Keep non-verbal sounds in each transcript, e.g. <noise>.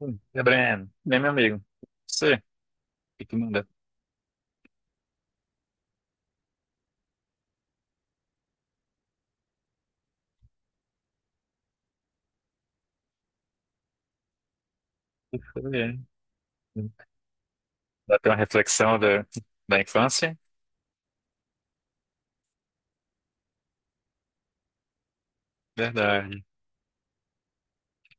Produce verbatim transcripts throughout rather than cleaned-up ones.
Hum, Gabriel, bem, meu amigo, você, o que que manda? Foi, é. Bateu uma reflexão da, da infância? Verdade.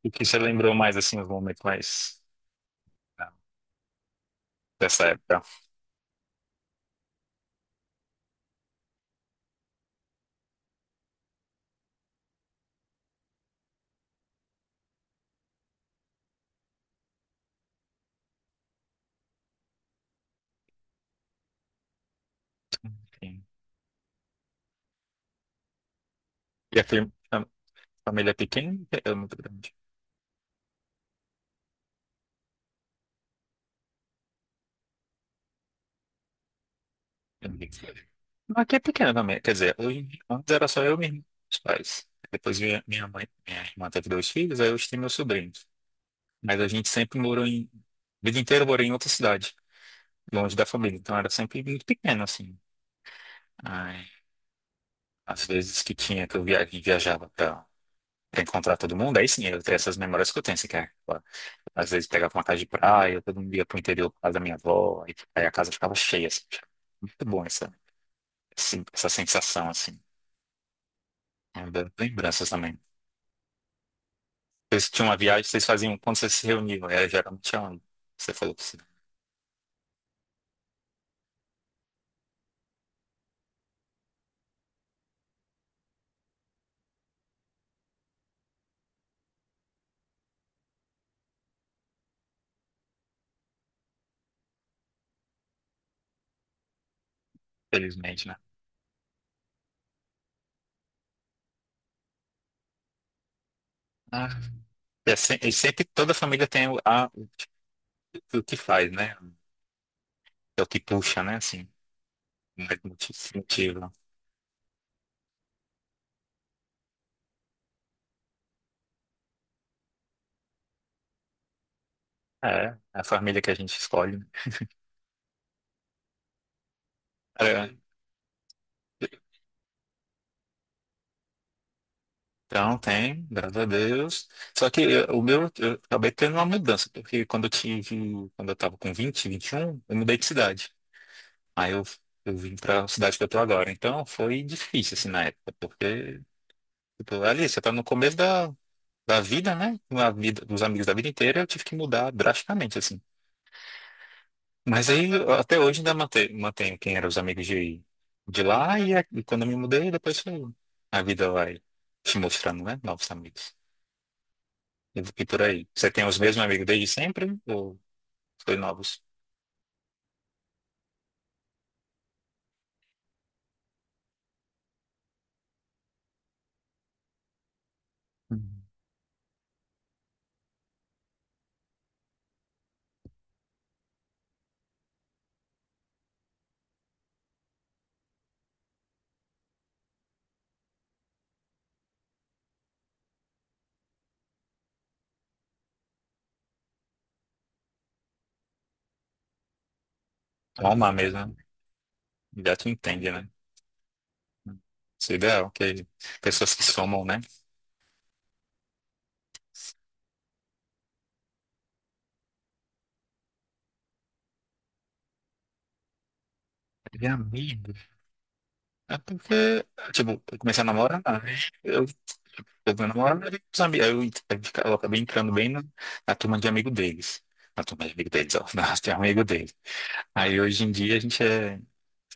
O que você lembrou mais, assim, os momentos mais ah, dessa época? Sim. E a, fam- a família é pequena? É muito grande. Eu não sei. Não, aqui é pequena também, quer dizer, hoje, antes era só eu e minha- meus pais. Depois minha, minha mãe, minha irmã teve dois filhos, aí hoje tem meus sobrinhos. Mas a gente sempre morou em, a vida inteira morou em outra cidade, longe da família, então era sempre muito pequeno, assim. Ai, às vezes que tinha, que eu via- que viajava pra, pra encontrar todo mundo, aí sim, eu tenho essas memórias que eu tenho, assim, que é, ó, às vezes pegava uma casa de praia, todo mundo ia pro interior por causa da minha avó, aí, aí a casa ficava cheia, assim, achava muito bom essa, esse- essa sensação, assim, é uma das lembranças também. Vocês tinham uma viagem, vocês faziam quando vocês se reuniam, era geralmente é onde você falou que sim, felizmente, né? Ah, é se- e sempre toda família tem o, a- o, que o que faz, né? É o que puxa, né, assim, mais motivo. É, é a família que a gente escolhe. Né? Então, tem, graças a Deus. Só que eu- o meu, eu acabei tendo uma mudança, porque quando eu tive, quando eu tava com vinte vinte e um, eu mudei de cidade. Aí eu, eu vim pra cidade que eu tô agora. Então, foi difícil, assim, na época, porque, tipo, ali, você tá no começo da, da vida, né? Uma vida, dos amigos da vida inteira, eu tive que mudar drasticamente, assim. Mas aí, até hoje ainda mante- mantenho quem eram os amigos de, de lá e, a- e quando eu me mudei, depois foi- a vida vai te mostrando, né? Novos amigos. E, e por aí. Você tem os mesmos amigos desde sempre ou foi novos? Uhum. Alma, ah, mesmo, né? Já tu entende, né? Isso é ideal, que pessoas que somam, né? De amigos. É porque, tipo, eu comecei a namorar, né? Eu meu namorado era os amigos. Aí eu, ent- aí eu acabei entrando bem na, na turma de amigo deles. Na turma de amigo deles, ó. <laughs> Na de amigo deles. Aí hoje em dia a gente é,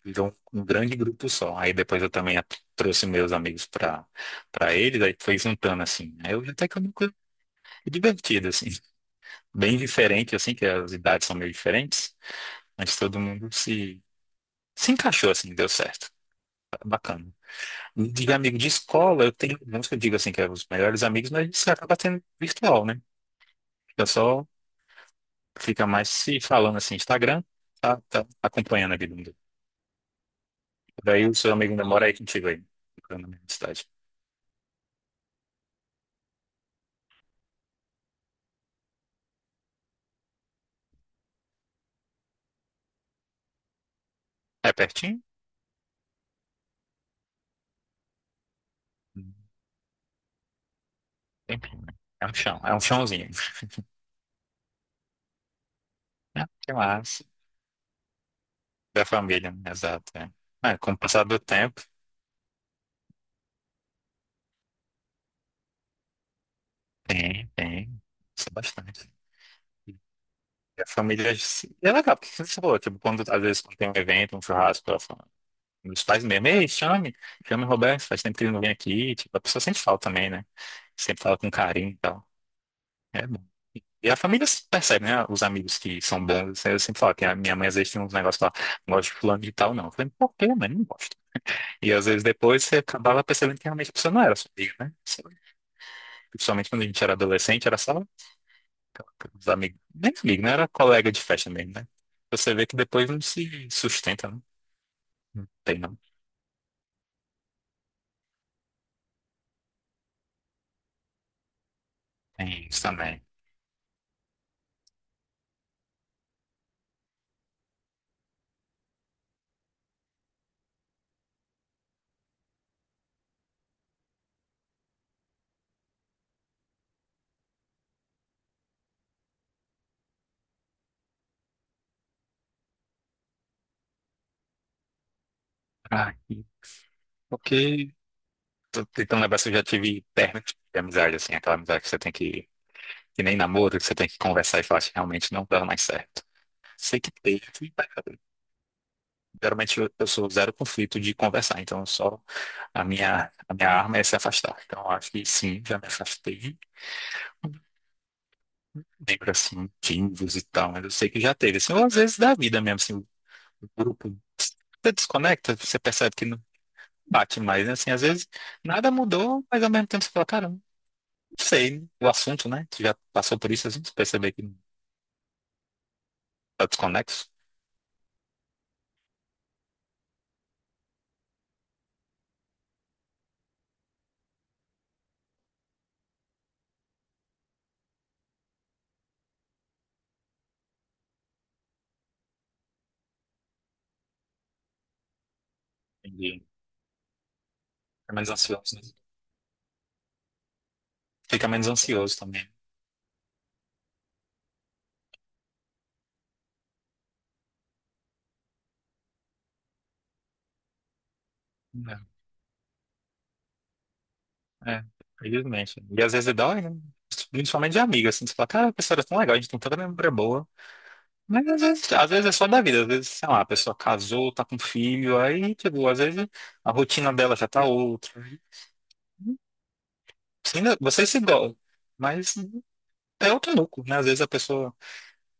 virou um, um grande grupo só. Aí depois eu também at- trouxe meus amigos pra, pra eles, aí foi juntando assim. Aí eu até que eu nunca divertido, assim. <laughs> Bem diferente, assim, que as idades são meio diferentes, mas todo mundo se, se encaixou, assim, deu certo. Tá, bacana. De amigo de escola, eu tenho, não que eu digo assim, que é os melhores amigos, mas isso acaba sendo virtual, né? Eu só fica mais se falando assim, Instagram, tá, tá acompanhando a vida. do- Daí o seu amigo ainda mora aí contigo aí, na mesma cidade. É pertinho? Hum, Tempinho, né? É um chão, é um chãozinho. É, que massa. Da família, né? Exato. É. É, com o passar do tempo, tem, tem. Isso é bastante. E a família se- é legal, porque você falou, tipo, quando às vezes quando tem um evento, um churrasco, ela fala, meus pais mesmo, ei, chame, chame o Roberto, faz tempo que ele não vem aqui, tipo, a pessoa sente falta também, né? Sempre fala com carinho e tal. É bom. E a família se percebe, né? Os amigos que são bons, assim, eu sempre falo que a minha mãe às vezes tinha uns negócios lá, não gosto de fulano de tal, não. Eu falei, por quê, mãe? Não gosto. E às vezes depois você acabava percebendo que realmente a pessoa não era sua amiga, né? Sei lá. Principalmente quando a gente era adolescente, era só os amigos, nem amigo, né, era colega de festa mesmo, né? Você vê que depois não se sustenta, né? Tem, não. Tem isso também. Ah, e- porque tô tentando lembrar se eu já tive término de amizade, assim, aquela amizade que você tem que, que nem namoro, que você tem que conversar e falar, realmente não dá mais certo. Sei que teve, geralmente eu, eu sou zero conflito de conversar, então só a minha, a minha arma é se afastar. Então eu acho que sim, já me afastei. Lembro assim, timbres e tal, mas eu sei que já teve. Assim, ou às vezes da vida mesmo, assim, o grupo, você desconecta, você percebe que não bate mais, né? Assim, às vezes nada mudou, mas ao mesmo tempo você fala, caramba, não sei, o assunto, né? Você já passou por isso, assim, você percebe que tá desconexo. Entendi. Fica menos ansioso, né? Fica menos ansioso também. Né? É, felizmente. E às vezes dói, né? Principalmente de amigo, assim, você fala, cara, a pessoa era tão legal, a gente tem tanta memória boa. Mas às vezes, às vezes é só da vida, às vezes, sei lá, a pessoa casou, tá com filho, aí, tipo, às vezes a rotina dela já tá outra. Sim, ainda, vocês se gostam, mas é outro núcleo, né? Às vezes a pessoa,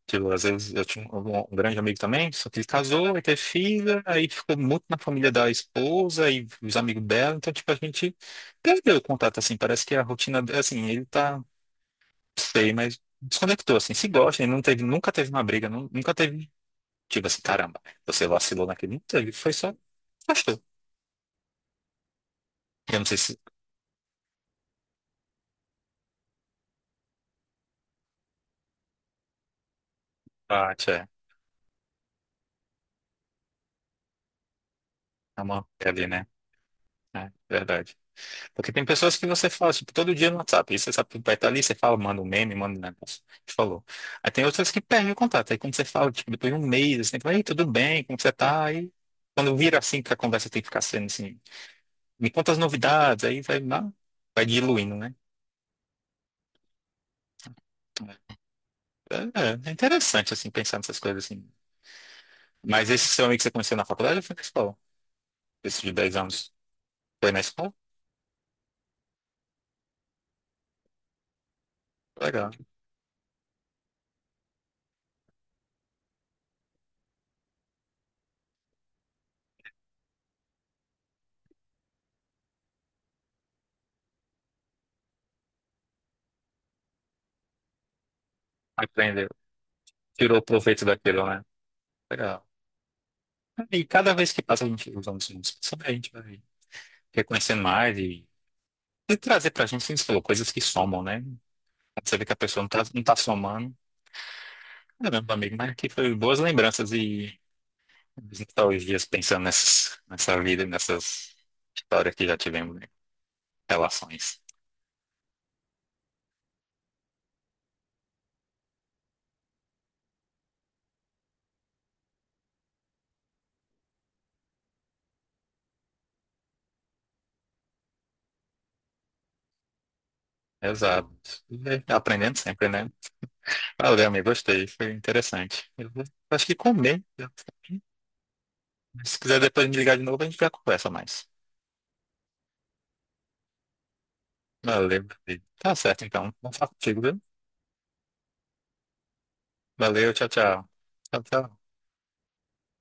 tipo, às vezes eu tinha um, um um grande amigo também, só que ele casou, aí teve filha, aí ficou muito na família da esposa e os amigos dela, então, tipo, a gente perdeu o contato, assim, parece que a rotina, assim, ele tá. Sei, mas desconectou, assim, se gosta, e não teve, nunca teve uma briga, nu- nunca teve, tipo assim, caramba, você vacilou naquele, não teve, foi só, gostou. Eu não sei se bate, é, é uma ali, né? É, verdade. Porque tem pessoas que você fala, tipo, todo dia no WhatsApp, e você sabe que vai estar ali, você fala, manda um meme, manda um negócio, que falou. Aí tem outras que perdem o contato, aí quando você fala, tipo, depois de um mês, assim, fala, ei, tudo bem, como você tá? Aí, quando vira assim, que a conversa tem que ficar sendo assim, me conta as novidades, aí vai, lá, vai diluindo, né? É, é interessante, assim, pensar nessas coisas, assim. Mas esse seu amigo que você conheceu na faculdade ou foi na escola? Esse de dez anos foi na escola? Legal. Aprendeu. Tirou proveito daquilo, né? Legal. E cada vez que passa a gente usando os nomes, a gente vai reconhecendo mais e, e trazer pra gente, assim, você falou, coisas que somam, né? Quando você vê que a pessoa não tá, não tá somando. Caramba, amigo, mas aqui foi boas lembranças e nostalgias pensando nessas, nessa vida, e nessas histórias que já tivemos, né? Relações. Exato. E aprendendo sempre, né? Valeu, amigo. Gostei. Foi interessante. Eu vou- acho que comer. eu- Se quiser depois me ligar de novo, a gente já conversa mais. Valeu, meu querido. Tá certo, então. Vamos falar contigo, viu? Valeu. Tchau, tchau. Tchau, tchau.